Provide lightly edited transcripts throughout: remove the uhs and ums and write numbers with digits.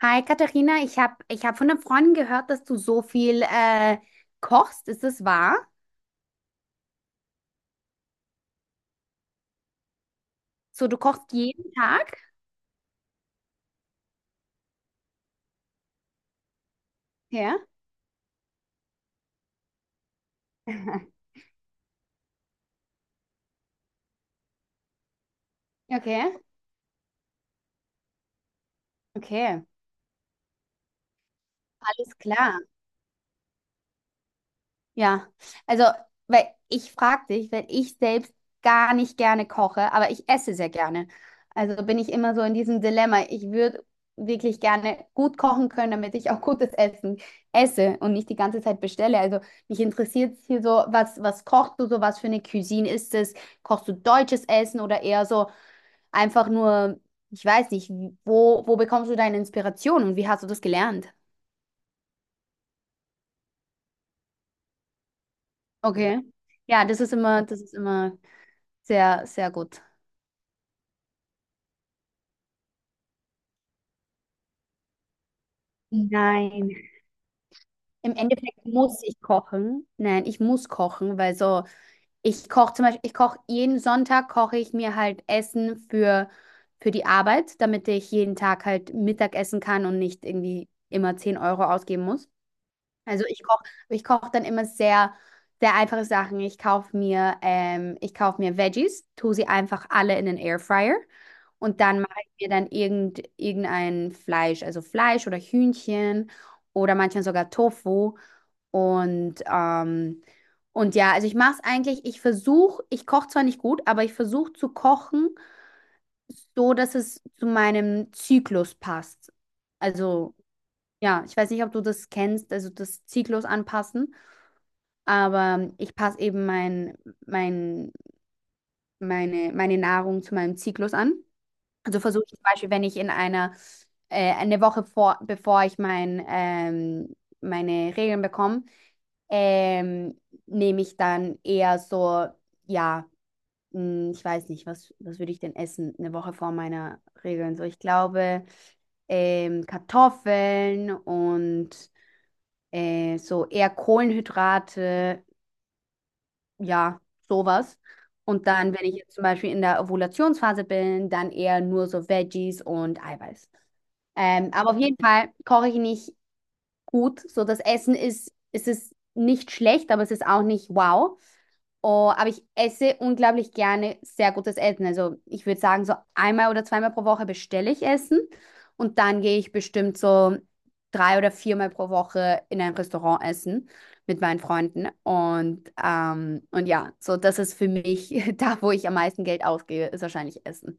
Hi Katharina, ich hab von einer Freundin gehört, dass du so viel kochst. Ist das wahr? So, du kochst jeden Tag? Ja. Okay, okay. Alles klar. Ja, also, weil ich frage dich, weil ich selbst gar nicht gerne koche, aber ich esse sehr gerne. Also bin ich immer so in diesem Dilemma. Ich würde wirklich gerne gut kochen können, damit ich auch gutes Essen esse und nicht die ganze Zeit bestelle. Also mich interessiert hier so, was kochst du so, was für eine Cuisine ist es? Kochst du deutsches Essen oder eher so einfach nur, ich weiß nicht, wo bekommst du deine Inspiration und wie hast du das gelernt? Okay. Ja, das ist immer sehr, sehr gut. Nein. Im Endeffekt muss ich kochen. Nein, ich muss kochen, weil so, ich koche zum Beispiel, ich koche jeden Sonntag, koche ich mir halt Essen für die Arbeit, damit ich jeden Tag halt Mittag essen kann und nicht irgendwie immer 10 € ausgeben muss. Also ich koche, Ich koche dann immer sehr, sehr einfache Sachen. Ich kaufe mir, ich kaufe mir Veggies, tue sie einfach alle in den Airfryer und dann mache ich mir dann irgendein Fleisch, also Fleisch oder Hühnchen oder manchmal sogar Tofu und ähm, und ja, also ich mache es eigentlich, ich koche zwar nicht gut, aber ich versuche zu kochen, so dass es zu meinem Zyklus passt. Also ja, ich weiß nicht, ob du das kennst, also das Zyklus anpassen. Aber ich passe eben mein, meine Nahrung zu meinem Zyklus an. Also versuche ich zum Beispiel, wenn ich in eine Woche bevor ich meine Regeln bekomme, ähm, nehme ich dann eher so, ja, mh, ich weiß nicht, was würde ich denn essen eine Woche vor meiner Regeln? So, ich glaube, Kartoffeln und so eher Kohlenhydrate ja, sowas. Und dann, wenn ich jetzt zum Beispiel in der Ovulationsphase bin, dann eher nur so Veggies und Eiweiß. Aber auf jeden Fall koche ich nicht gut. So, es ist nicht schlecht, aber es ist auch nicht wow. Oh, aber ich esse unglaublich gerne sehr gutes Essen. Also ich würde sagen, so einmal oder zweimal pro Woche bestelle ich Essen und dann gehe ich bestimmt so drei oder viermal pro Woche in ein Restaurant essen mit meinen Freunden. Und ja, so das ist für mich da, wo ich am meisten Geld ausgebe, ist wahrscheinlich Essen.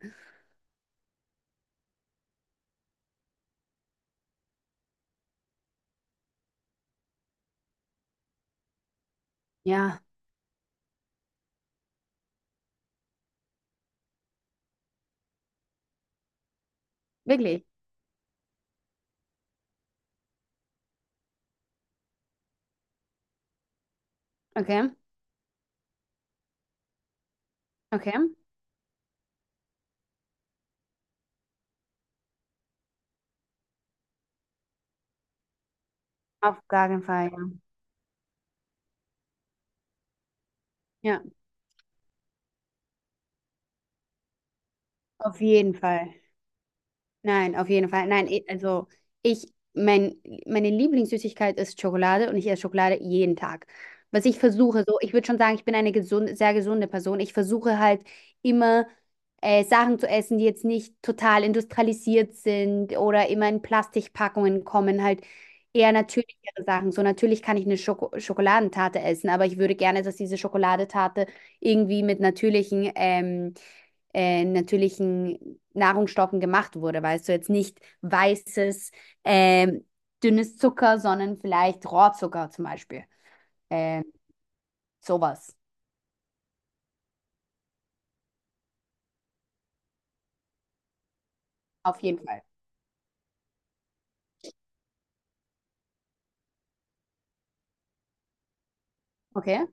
Ja, wirklich. Okay, okay. Auf gar keinen Fall, ja. Ja, auf jeden Fall. Nein, auf jeden Fall. Nein, eh, also ich, mein, meine Lieblingssüßigkeit ist Schokolade und ich esse Schokolade jeden Tag. Was ich versuche, so, ich würde schon sagen, ich bin eine gesunde, sehr gesunde Person. Ich versuche halt immer Sachen zu essen, die jetzt nicht total industrialisiert sind oder immer in Plastikpackungen kommen, halt eher natürlichere Sachen. So natürlich kann ich eine Schokoladentarte essen, aber ich würde gerne, dass diese Schokoladentarte irgendwie mit natürlichen natürlichen Nahrungsstoffen gemacht wurde. Weißt du, jetzt nicht ähm, dünnes Zucker, sondern vielleicht Rohrzucker zum Beispiel. Ähm, sowas. Auf jeden Fall. Okay.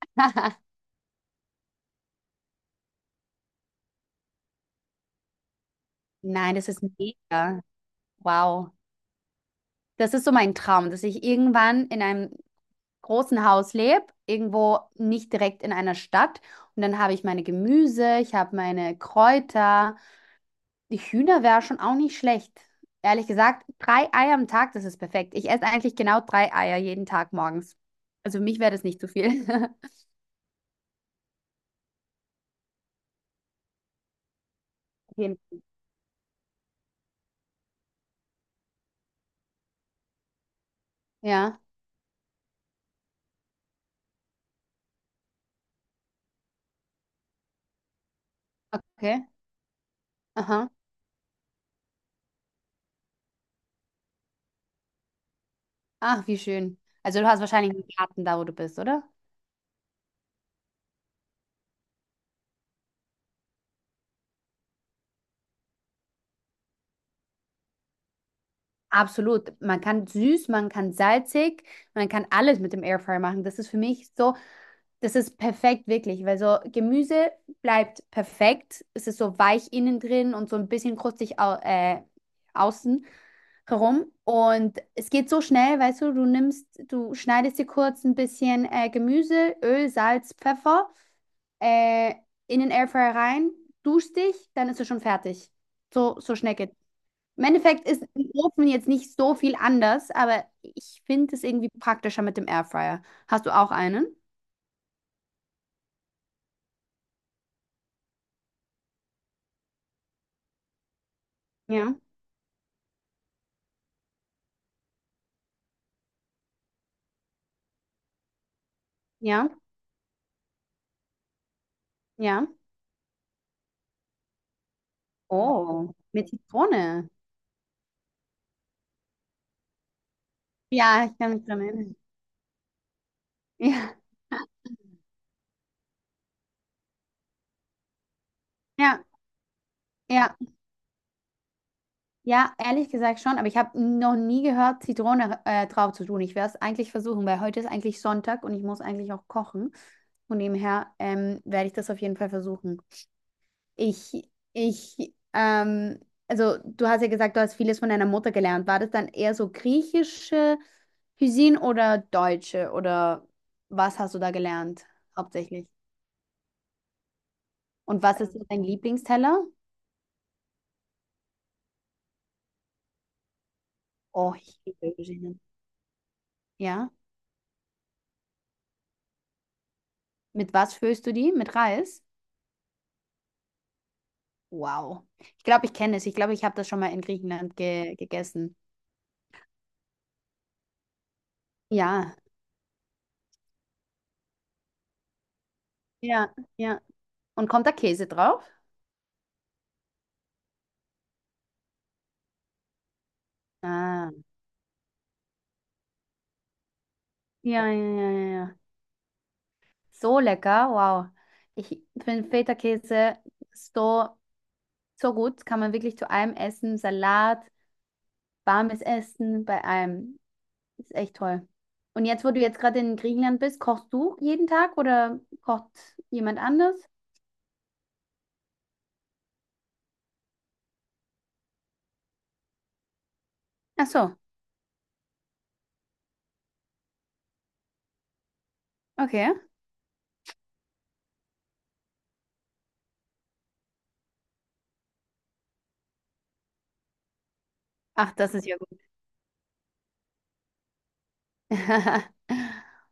Nein, das ist mega. Wow. Das ist so mein Traum, dass ich irgendwann in einem großen Haus lebe, irgendwo nicht direkt in einer Stadt. Und dann habe ich meine Gemüse, ich habe meine Kräuter. Die Hühner wäre schon auch nicht schlecht. Ehrlich gesagt, 3 Eier am Tag, das ist perfekt. Ich esse eigentlich genau 3 Eier jeden Tag morgens. Also für mich wäre das nicht zu viel. Okay. Ja, okay. Aha. Ach, wie schön. Also du hast wahrscheinlich einen Garten da, wo du bist, oder? Absolut. Man kann süß, man kann salzig, man kann alles mit dem Airfryer machen. Das ist für mich so. Das ist perfekt, wirklich, weil so Gemüse bleibt perfekt. Es ist so weich innen drin und so ein bisschen krustig au außen herum. Und es geht so schnell, weißt du, du schneidest dir kurz ein bisschen Gemüse, Öl, Salz, Pfeffer äh, in den Airfryer rein, duschst dich, dann ist es schon fertig. So, so schnell geht's. Im Endeffekt ist im Ofen jetzt nicht so viel anders, aber ich finde es irgendwie praktischer mit dem Airfryer. Hast du auch einen? Ja. Ja. Ja. Oh, mit Zitrone. Ja, ich kann mich dran erinnern. Ja, ja, ja, ja, ehrlich gesagt schon, aber ich habe noch nie gehört, Zitrone drauf zu tun. Ich werde es eigentlich versuchen, weil heute ist eigentlich Sonntag und ich muss eigentlich auch kochen. Von dem her werde ich das auf jeden Fall versuchen. Ich, ich, ähm, also du hast ja gesagt, du hast vieles von deiner Mutter gelernt. War das dann eher so griechische Cuisine oder deutsche oder was hast du da gelernt hauptsächlich? Und was ist so dein Lieblingsteller? Oh, ich liebe Auberginen. Ja. Mit was füllst du die? Mit Reis? Wow. Ich glaube, ich kenne es. Ich glaube, ich habe das schon mal in Griechenland ge gegessen. Ja. Ja, ja. Und kommt da Käse drauf? Ah. Ja, ja, ja, ja, ja. So lecker. Wow. Ich finde Feta-Käse so, so gut. Kann man wirklich zu allem essen. Salat, warmes Essen, bei allem. Ist echt toll. Und jetzt, wo du jetzt gerade in Griechenland bist, kochst du jeden Tag oder kocht jemand anders? Ach so, okay. Ach, das ist ja gut.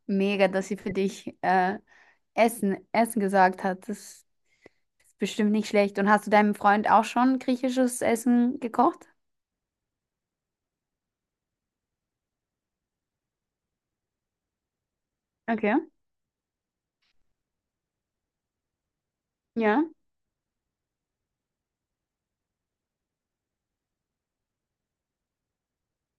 Mega, dass sie für dich Essen gesagt hat. Das ist bestimmt nicht schlecht. Und hast du deinem Freund auch schon griechisches Essen gekocht? Okay. Ja.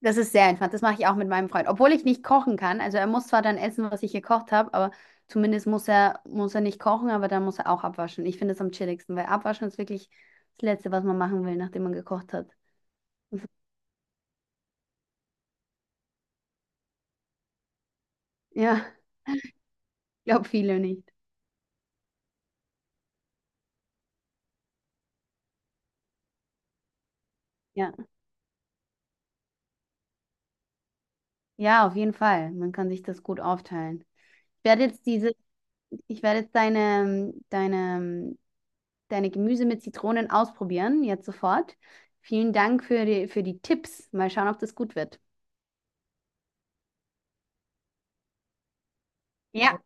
Das ist sehr entspannt. Das mache ich auch mit meinem Freund. Obwohl ich nicht kochen kann. Also er muss zwar dann essen, was ich gekocht habe, aber zumindest muss er nicht kochen, aber dann muss er auch abwaschen. Ich finde es am chilligsten, weil abwaschen ist wirklich das Letzte, was man machen will, nachdem man gekocht hat. Ja, ich glaube viele nicht. Ja. Ja, auf jeden Fall. Man kann sich das gut aufteilen. Ich werde jetzt diese, Ich werde jetzt deine Gemüse mit Zitronen ausprobieren, jetzt sofort. Vielen Dank für für die Tipps. Mal schauen, ob das gut wird. Ja,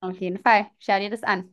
auf jeden Fall. Schau dir das an.